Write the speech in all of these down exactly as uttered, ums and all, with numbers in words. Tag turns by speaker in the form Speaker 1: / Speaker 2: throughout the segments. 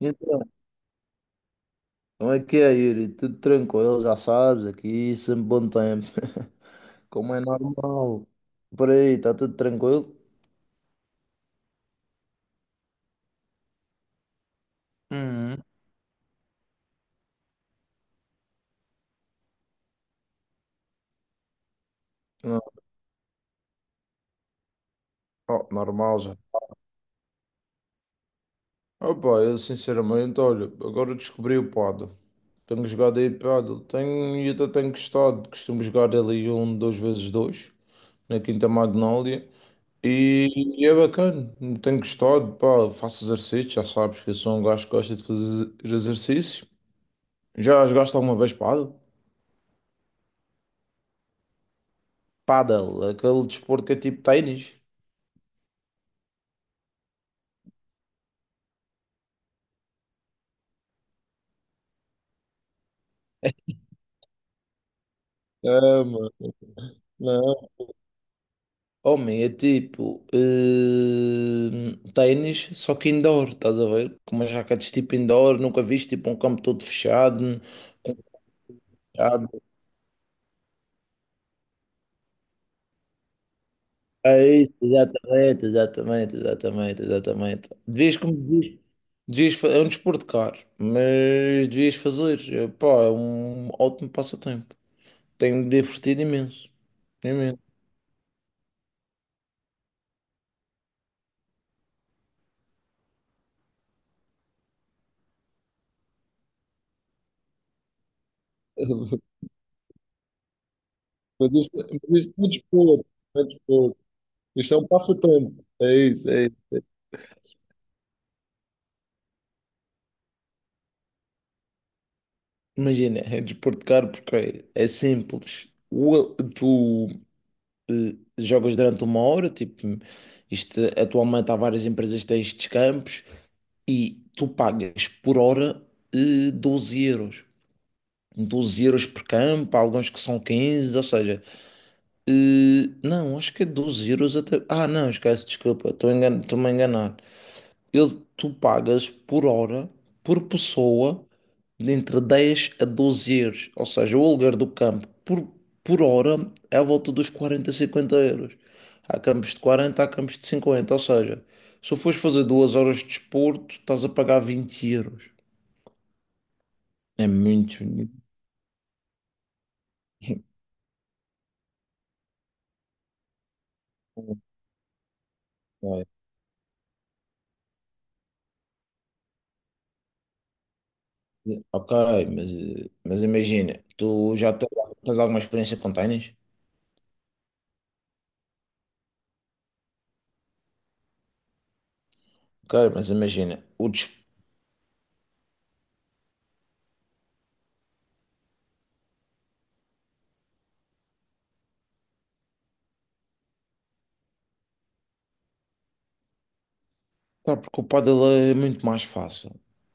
Speaker 1: Então, como é que é, Yuri? Tudo tranquilo, já sabes, aqui sempre bom tempo. Como é normal. Por aí, está tudo tranquilo? Uhum. Não, oh, normal já. Opa, eu sinceramente, olha, agora descobri o paddle. Tenho jogado aí paddle. Tenho, e até tenho gostado. Costumo jogar ali um, dois vezes dois, na Quinta Magnólia. E, e é bacana, tenho gostado. Pá, faço exercício, já sabes que eu sou um gajo que gosta de fazer exercício. Já jogaste alguma vez paddle? Paddle, aquele desporto que é tipo ténis. Ama, não. Homem, é tipo eh, ténis, só que indoor, estás a ver? Com umas raquetes tipo indoor, nunca viste tipo um campo todo fechado, com fechado. É isso, exatamente, exatamente, exatamente, exatamente. Devias como devias, devias fa- é um desporto caro, mas devias fazer. Eh, Pá, é um ótimo passatempo. Tenho-me divertido imenso. Imenso. Mas isto, mas isto é desporto, é desporto. Isto é um passatempo. É isso, é isso. Imagina, é desporto caro porque é, é simples. O- tu eh, jogas durante uma hora. Tipo, isto atualmente há várias empresas que têm estes campos e tu pagas por hora eh, doze euros. Doze euros por campo, há alguns que são quinze, ou seja, eh, não, acho que é doze euros até. Ah, não, esquece, desculpa, estou a engan- estou-me a enganar. Eu tu pagas por hora, por pessoa, entre dez a doze euros. Ou seja, o aluguer do campo por, por hora é à volta dos quarenta a 50 euros. Há campos de quarenta, há campos de cinquenta. Ou seja, se fores fazer duas horas de desporto, estás a pagar vinte euros. É muito dinheiro. Ok, Ok, mas, eh, mas imagina, tu já tens, tens alguma experiência com ténis? Ok, mas imagina, o des tá, porque o pádel é muito mais fácil.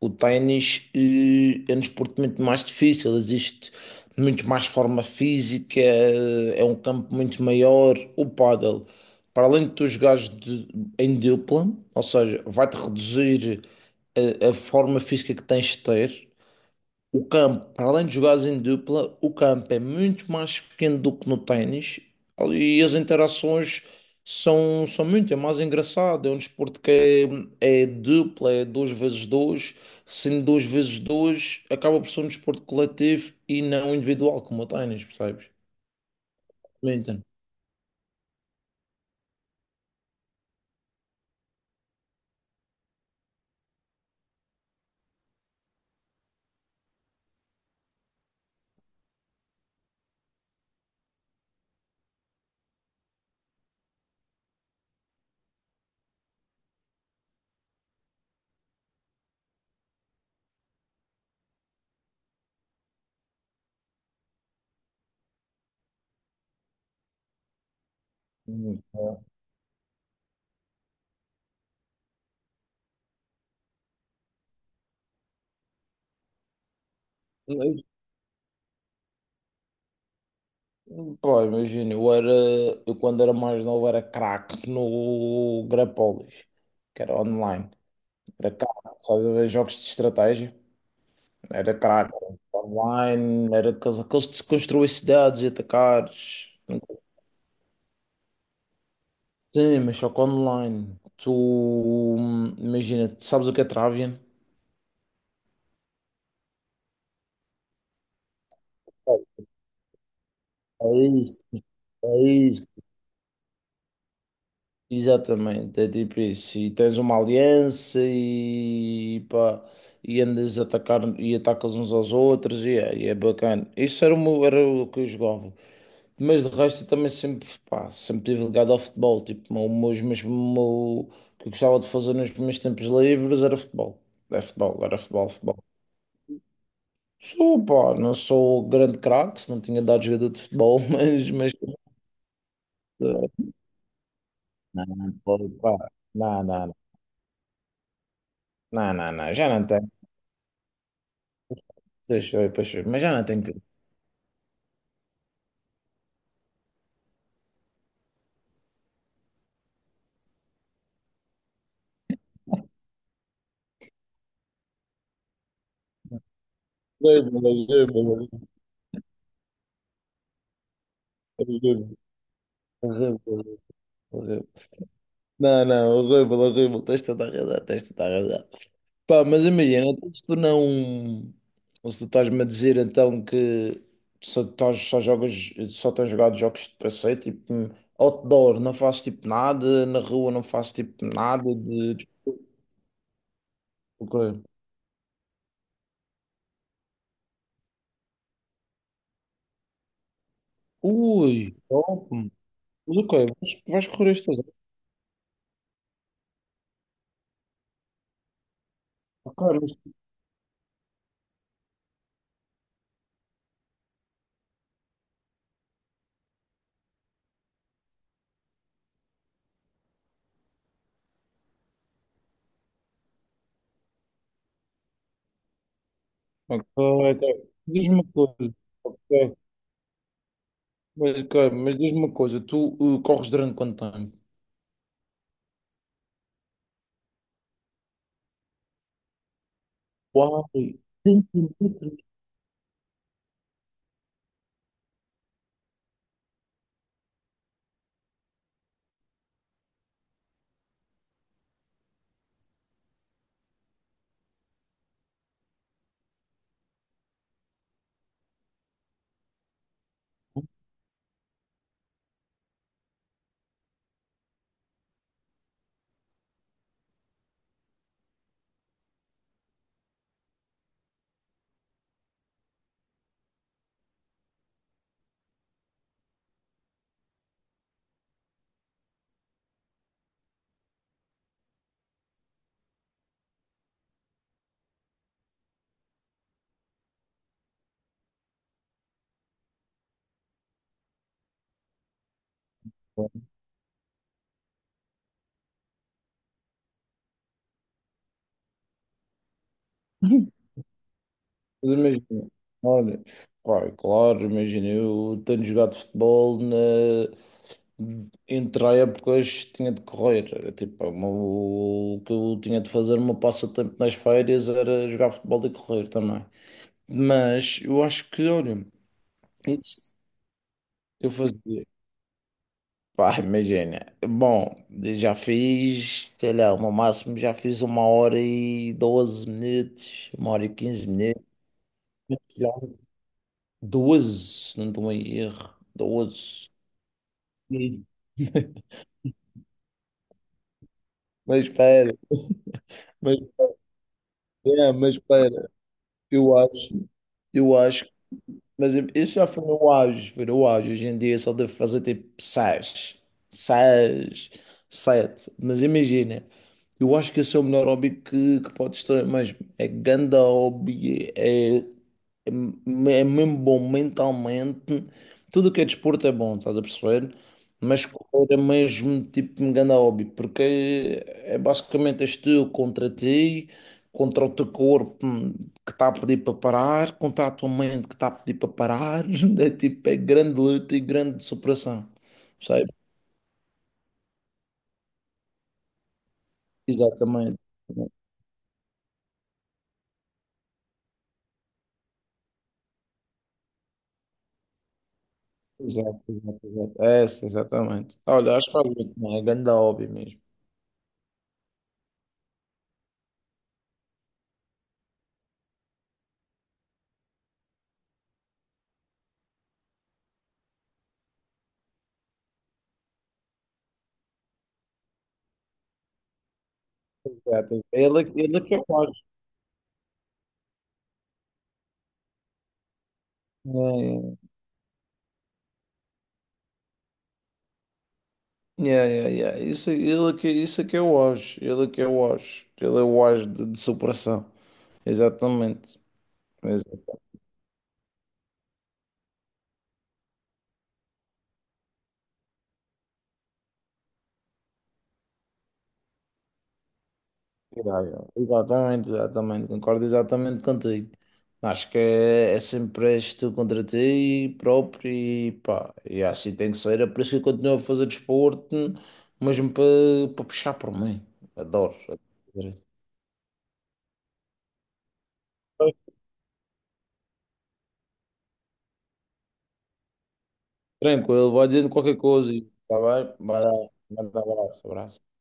Speaker 1: O ténis eh, é um desporto muito mais difícil, existe muito mais forma física, eh, é um campo muito maior. O pádel, para além de tu jogares de- em dupla, ou seja, vai-te reduzir a, a forma física que tens de ter. O campo, para além de jogares em dupla, o campo é muito mais pequeno do que no ténis, e as interações são, são muito, é mais engraçado. É um desporto que é, é dupla, é dois vezes dois. Sendo dois vezes dois, acaba por ser um desporto coletivo e não individual, como o ténis, percebes? Então, muito bom. Eu- Pá, imagina, eu era, eu quando era mais novo era craque no Grapolis, que era online. Era caro, sabes. A Jogos de estratégia. Era caro. Online, era aqueles, aqueles de se construir cidades e atacares. Sim, mas só que online. Tu, hum, imagina, tu sabes o que é Travian? É isso, é isso. Exatamente, é tipo isso. E tens uma aliança e pá, e andas a atacar e atacas uns aos outros e é, e é bacana. Isso era o, meu- era o que eu jogava. Mas de resto eu também sempre, pá, sempre tive ligado ao futebol. Tipo, o meu- os meus, o meu- o que eu gostava de fazer nos meus tempos livres era futebol. Era futebol, era futebol, futebol. Sou, pá, não sou grande craque, se não tinha dado jogador de futebol. mas, mas... Não, não, pô, pá, não, não, não, não, não, não, já não tenho. Deixa eu, deixa eu, mas já não tenho piada. Horrível, horrível, horrível, horrível, horrível. Não, não, horrível, horrível, tens toda a razão, tens toda a razão. Pá, mas imagina, então, se tu não. Ou se tu estás-me a dizer então que só, estás, só jogas, só tens jogado jogos de passeio, tipo outdoor, não faço tipo nada, na rua não faço tipo nada de. De- ok. Ui, top. Mas ok, vais, vais correr estas horas. Ok, mas. Ok, ok. Diz-me uma coisa. Ok, mas, ok, mas diz-me uma coisa, tu uh, corres durante quanto tempo? Uai, trinta metros. Mas imagina, olha, pá, claro, imagina, eu tenho jogado futebol na... entre a épocas tinha de correr. Era tipo, o o que eu tinha de fazer o meu passatempo nas férias era jogar futebol e correr também. Mas eu acho que, olha, isso eu fazia. Pá, imagina, bom, já fiz, sei lá, no máximo já fiz uma hora e doze minutos, uma hora e quinze minutos. Doze, não estou em erro. Doze. Sim. Mas espera, mas, é, mas espera, eu acho, eu acho, mas isso já foi no auge, foi no auge. Hoje em dia só deve fazer tipo seis, seis, sete. Mas imagina, eu acho que esse é o melhor hobby que, que podes ter, mas é ganda hobby. É É, me- é mesmo bom mentalmente. Tudo o que é desporto é bom, estás a perceber? Mas correr é mesmo tipo um grande hobby, porque é basicamente és tu contra ti, contra o teu corpo, hum, que está a pedir para parar, contra a tua mente que está a pedir para parar. É tipo, é grande luta e grande superação, sabe? Exatamente. Exato, exato, exato. Essa, exatamente. Olha, acho que faz muito bem, é grande hobby mesmo. Exato. Ele, ele é que Yeah, yeah, yeah. Isso, ele é que, isso é que é o auge. Ele é que é o auge. Ele é o auge de, de superação. Exatamente. Exa- Exatamente, exatamente. Concordo exatamente contigo. Acho que é, é sempre és tu contra ti próprio e pá. E assim tem que ser. É por isso que eu continuo a fazer desporto, mesmo para para puxar por mim. Adoro. Tranquilo, vai dizendo qualquer coisa. Está bem? Vai dar, vai dar abraço, abraço.